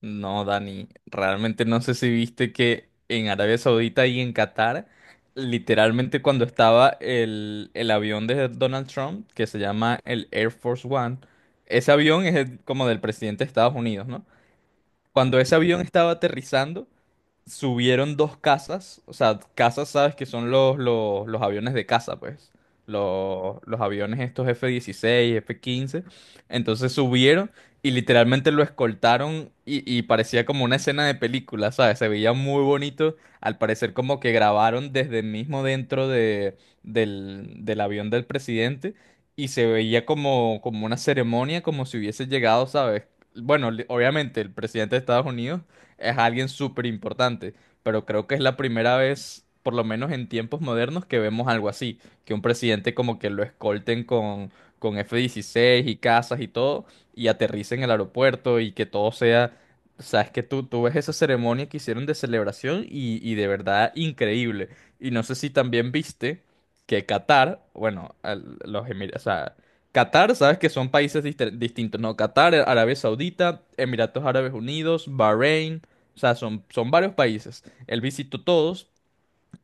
No, Dani, realmente no sé si viste que en Arabia Saudita y en Qatar, literalmente cuando estaba el avión de Donald Trump, que se llama el Air Force One. Ese avión es como del presidente de Estados Unidos, ¿no? Cuando ese avión estaba aterrizando, subieron dos casas, o sea, casas, sabes que son los aviones de caza, pues, los aviones estos F-16, F-15. Entonces subieron y literalmente lo escoltaron y, parecía como una escena de película, ¿sabes? Se veía muy bonito, al parecer como que grabaron desde mismo dentro de, del avión del presidente, y se veía como, como una ceremonia, como si hubiese llegado, ¿sabes? Bueno, obviamente el presidente de Estados Unidos es alguien súper importante, pero creo que es la primera vez, por lo menos en tiempos modernos, que vemos algo así, que un presidente como que lo escolten con F-16 y casas y todo, y aterrice en el aeropuerto y que todo sea... Sabes que tú ves esa ceremonia que hicieron de celebración y, de verdad increíble. Y no sé si también viste que Qatar, bueno, los Emiratos, o sea, Qatar, sabes que son países distintos, ¿no? Qatar, Arabia Saudita, Emiratos Árabes Unidos, Bahrein, o sea, son, son varios países. Él visitó todos,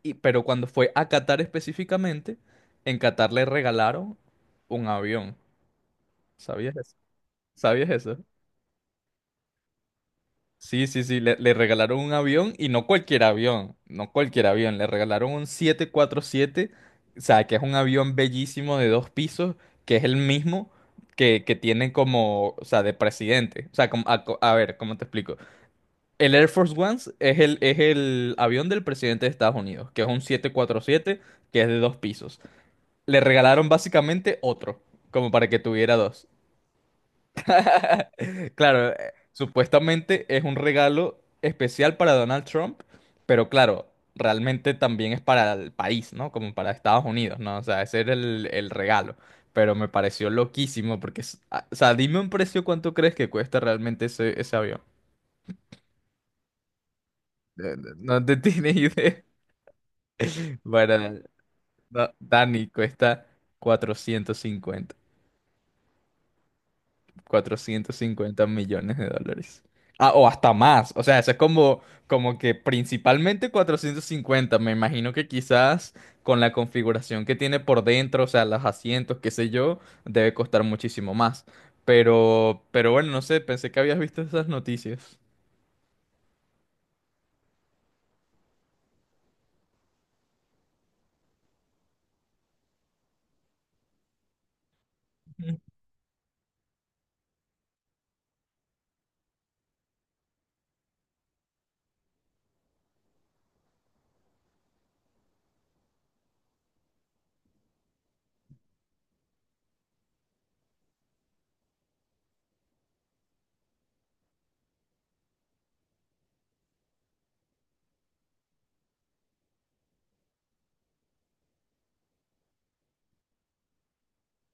y, pero cuando fue a Qatar específicamente, en Qatar le regalaron un avión. ¿Sabías eso? ¿Sabías eso? Sí, sí, sí, le regalaron un avión, y no cualquier avión, no cualquier avión, le regalaron un 747, o sea, que es un avión bellísimo de dos pisos, que es el mismo que, tiene como, o sea, de presidente. O sea, a, a ver, ¿cómo te explico? El Air Force One es el avión del presidente de Estados Unidos, que es un 747, que es de dos pisos. Le regalaron básicamente otro, como para que tuviera dos. Claro, supuestamente es un regalo especial para Donald Trump, pero claro, realmente también es para el país, ¿no? Como para Estados Unidos, ¿no? O sea, ese era el regalo. Pero me pareció loquísimo, porque, o sea, dime un precio, ¿cuánto crees que cuesta realmente ese avión? No te tienes idea. Bueno, Dani, cuesta 450, 450 millones de dólares. Ah, o hasta más. O sea, eso es como, como que principalmente 450. Me imagino que quizás con la configuración que tiene por dentro, o sea, los asientos, qué sé yo, debe costar muchísimo más. Pero bueno, no sé, pensé que habías visto esas noticias.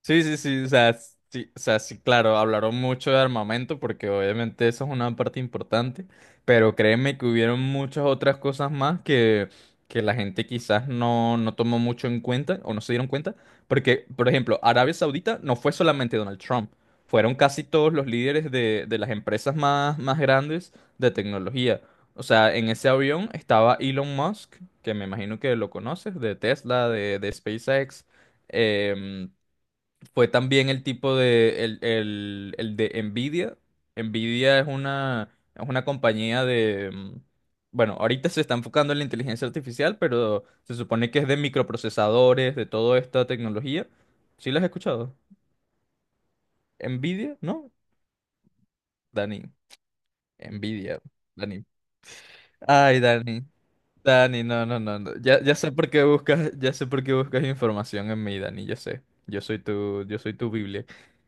Sí, sí, sí, o sea, sí, o sea, sí, claro, hablaron mucho de armamento porque obviamente eso es una parte importante, pero créeme que hubieron muchas otras cosas más que, la gente quizás no tomó mucho en cuenta o no se dieron cuenta, porque, por ejemplo, Arabia Saudita no fue solamente Donald Trump, fueron casi todos los líderes de las empresas más, más grandes de tecnología. O sea, en ese avión estaba Elon Musk, que me imagino que lo conoces, de Tesla, de SpaceX. em, Fue también el tipo de, el, el de Nvidia. Nvidia es una compañía de, bueno, ahorita se está enfocando en la inteligencia artificial, pero se supone que es de microprocesadores, de toda esta tecnología. ¿Sí las has escuchado? Nvidia, ¿no? Dani, Nvidia, Dani. Ay, Dani. Dani, no, no, no, no. Ya, ya sé por qué buscas, ya sé por qué buscas información en mí, Dani, yo sé. Yo soy tu Biblia.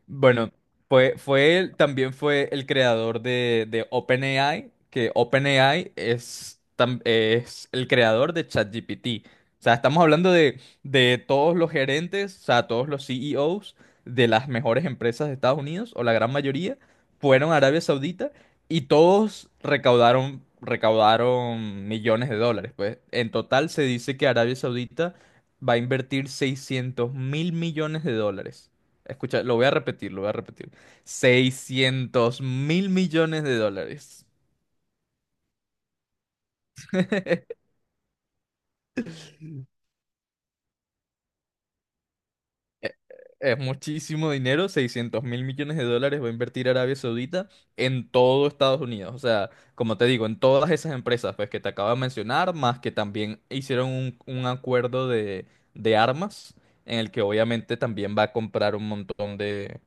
Bueno, fue él, también fue el creador de OpenAI, que OpenAI es el creador de ChatGPT. O sea, estamos hablando de todos los gerentes, o sea, todos los CEOs de las mejores empresas de Estados Unidos, o la gran mayoría, fueron a Arabia Saudita, y todos recaudaron millones de dólares, pues. En total se dice que Arabia Saudita va a invertir 600 mil millones de dólares. Escucha, lo voy a repetir, lo voy a repetir. 600 mil millones de dólares. Es muchísimo dinero, 600.000 millones de dólares va a invertir Arabia Saudita en todo Estados Unidos. O sea, como te digo, en todas esas empresas pues, que te acabo de mencionar, más que también hicieron un acuerdo de armas, en el que obviamente también va a comprar un montón de,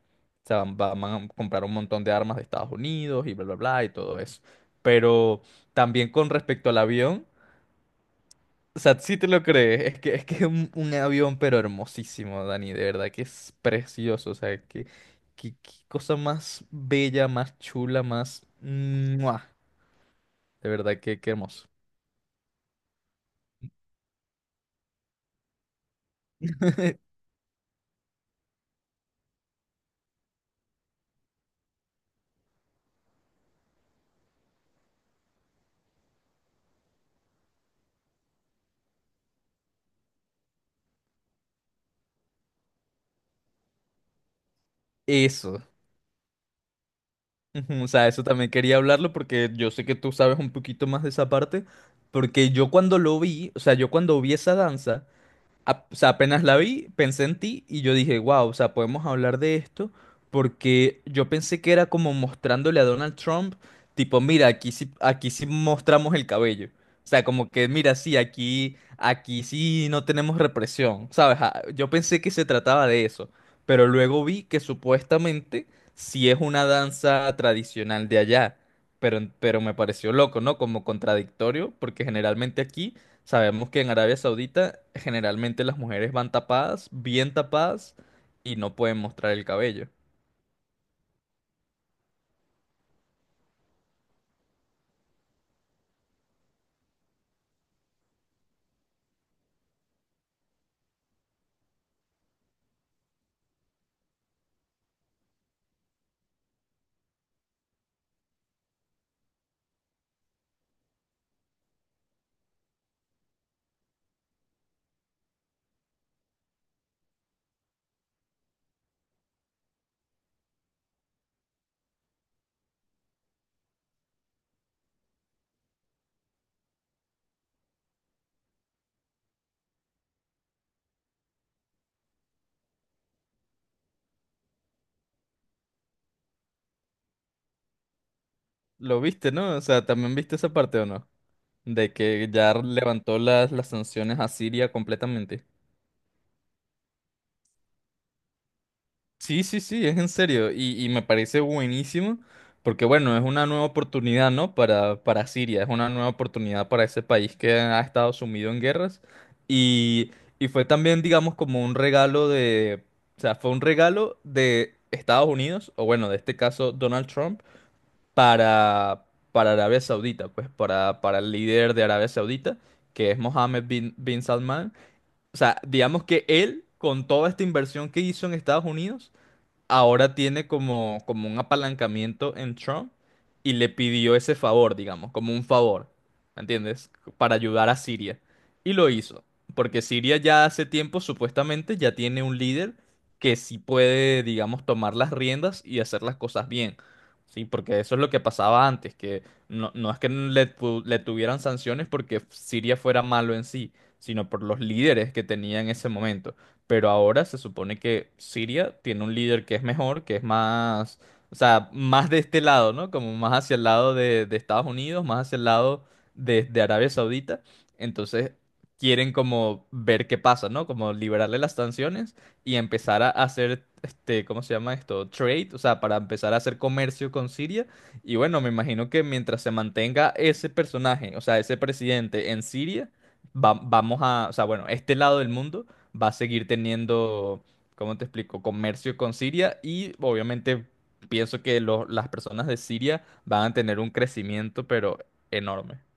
o sea, van a comprar un montón de armas de Estados Unidos y bla, bla, bla, y todo eso. Pero también con respecto al avión. O sea, sí te lo crees. Es que es que es un avión, pero hermosísimo, Dani. De verdad que es precioso. O sea, que qué, qué cosa más bella, más chula, más... ¡Mua! De verdad que qué hermoso. Eso. Ujú, o sea, eso también quería hablarlo porque yo sé que tú sabes un poquito más de esa parte. Porque yo cuando lo vi, o sea, yo cuando vi esa danza. O sea, apenas la vi, pensé en ti y yo dije, wow, o sea, podemos hablar de esto porque yo pensé que era como mostrándole a Donald Trump, tipo, mira, aquí sí mostramos el cabello. O sea, como que, mira, sí, aquí, aquí sí no tenemos represión, ¿sabes? Ah, yo pensé que se trataba de eso, pero luego vi que supuestamente sí es una danza tradicional de allá. Pero me pareció loco, ¿no? Como contradictorio, porque generalmente aquí sabemos que en Arabia Saudita generalmente las mujeres van tapadas, bien tapadas, y no pueden mostrar el cabello. Lo viste, ¿no? O sea, ¿también viste esa parte o no? De que ya levantó las sanciones a Siria completamente. Sí, sí, sí, es en serio. Y, me parece buenísimo porque, bueno, es una nueva oportunidad, ¿no? Para Siria, es una nueva oportunidad para ese país que ha estado sumido en guerras. Y, fue también, digamos, como un regalo de, o sea, fue un regalo de Estados Unidos, o bueno, de este caso Donald Trump, para, para Arabia Saudita, pues para el líder de Arabia Saudita, que es Mohammed bin, bin Salman. O sea, digamos que él, con toda esta inversión que hizo en Estados Unidos, ahora tiene como, como un apalancamiento en Trump, y le pidió ese favor, digamos, como un favor, ¿me entiendes? Para ayudar a Siria. Y lo hizo, porque Siria ya hace tiempo supuestamente ya tiene un líder que sí puede, digamos, tomar las riendas y hacer las cosas bien. Sí, porque eso es lo que pasaba antes, que no, no es que le, le tuvieran sanciones porque Siria fuera malo en sí, sino por los líderes que tenía en ese momento. Pero ahora se supone que Siria tiene un líder que es mejor, que es más, o sea, más de este lado, ¿no? Como más hacia el lado de Estados Unidos, más hacia el lado de Arabia Saudita. Entonces quieren como ver qué pasa, ¿no? Como liberarle las sanciones y empezar a hacer, este, ¿cómo se llama esto? Trade, o sea, para empezar a hacer comercio con Siria. Y bueno, me imagino que mientras se mantenga ese personaje, o sea, ese presidente en Siria, vamos a, o sea, bueno, este lado del mundo va a seguir teniendo, ¿cómo te explico?, comercio con Siria y obviamente pienso que las personas de Siria van a tener un crecimiento, pero enorme.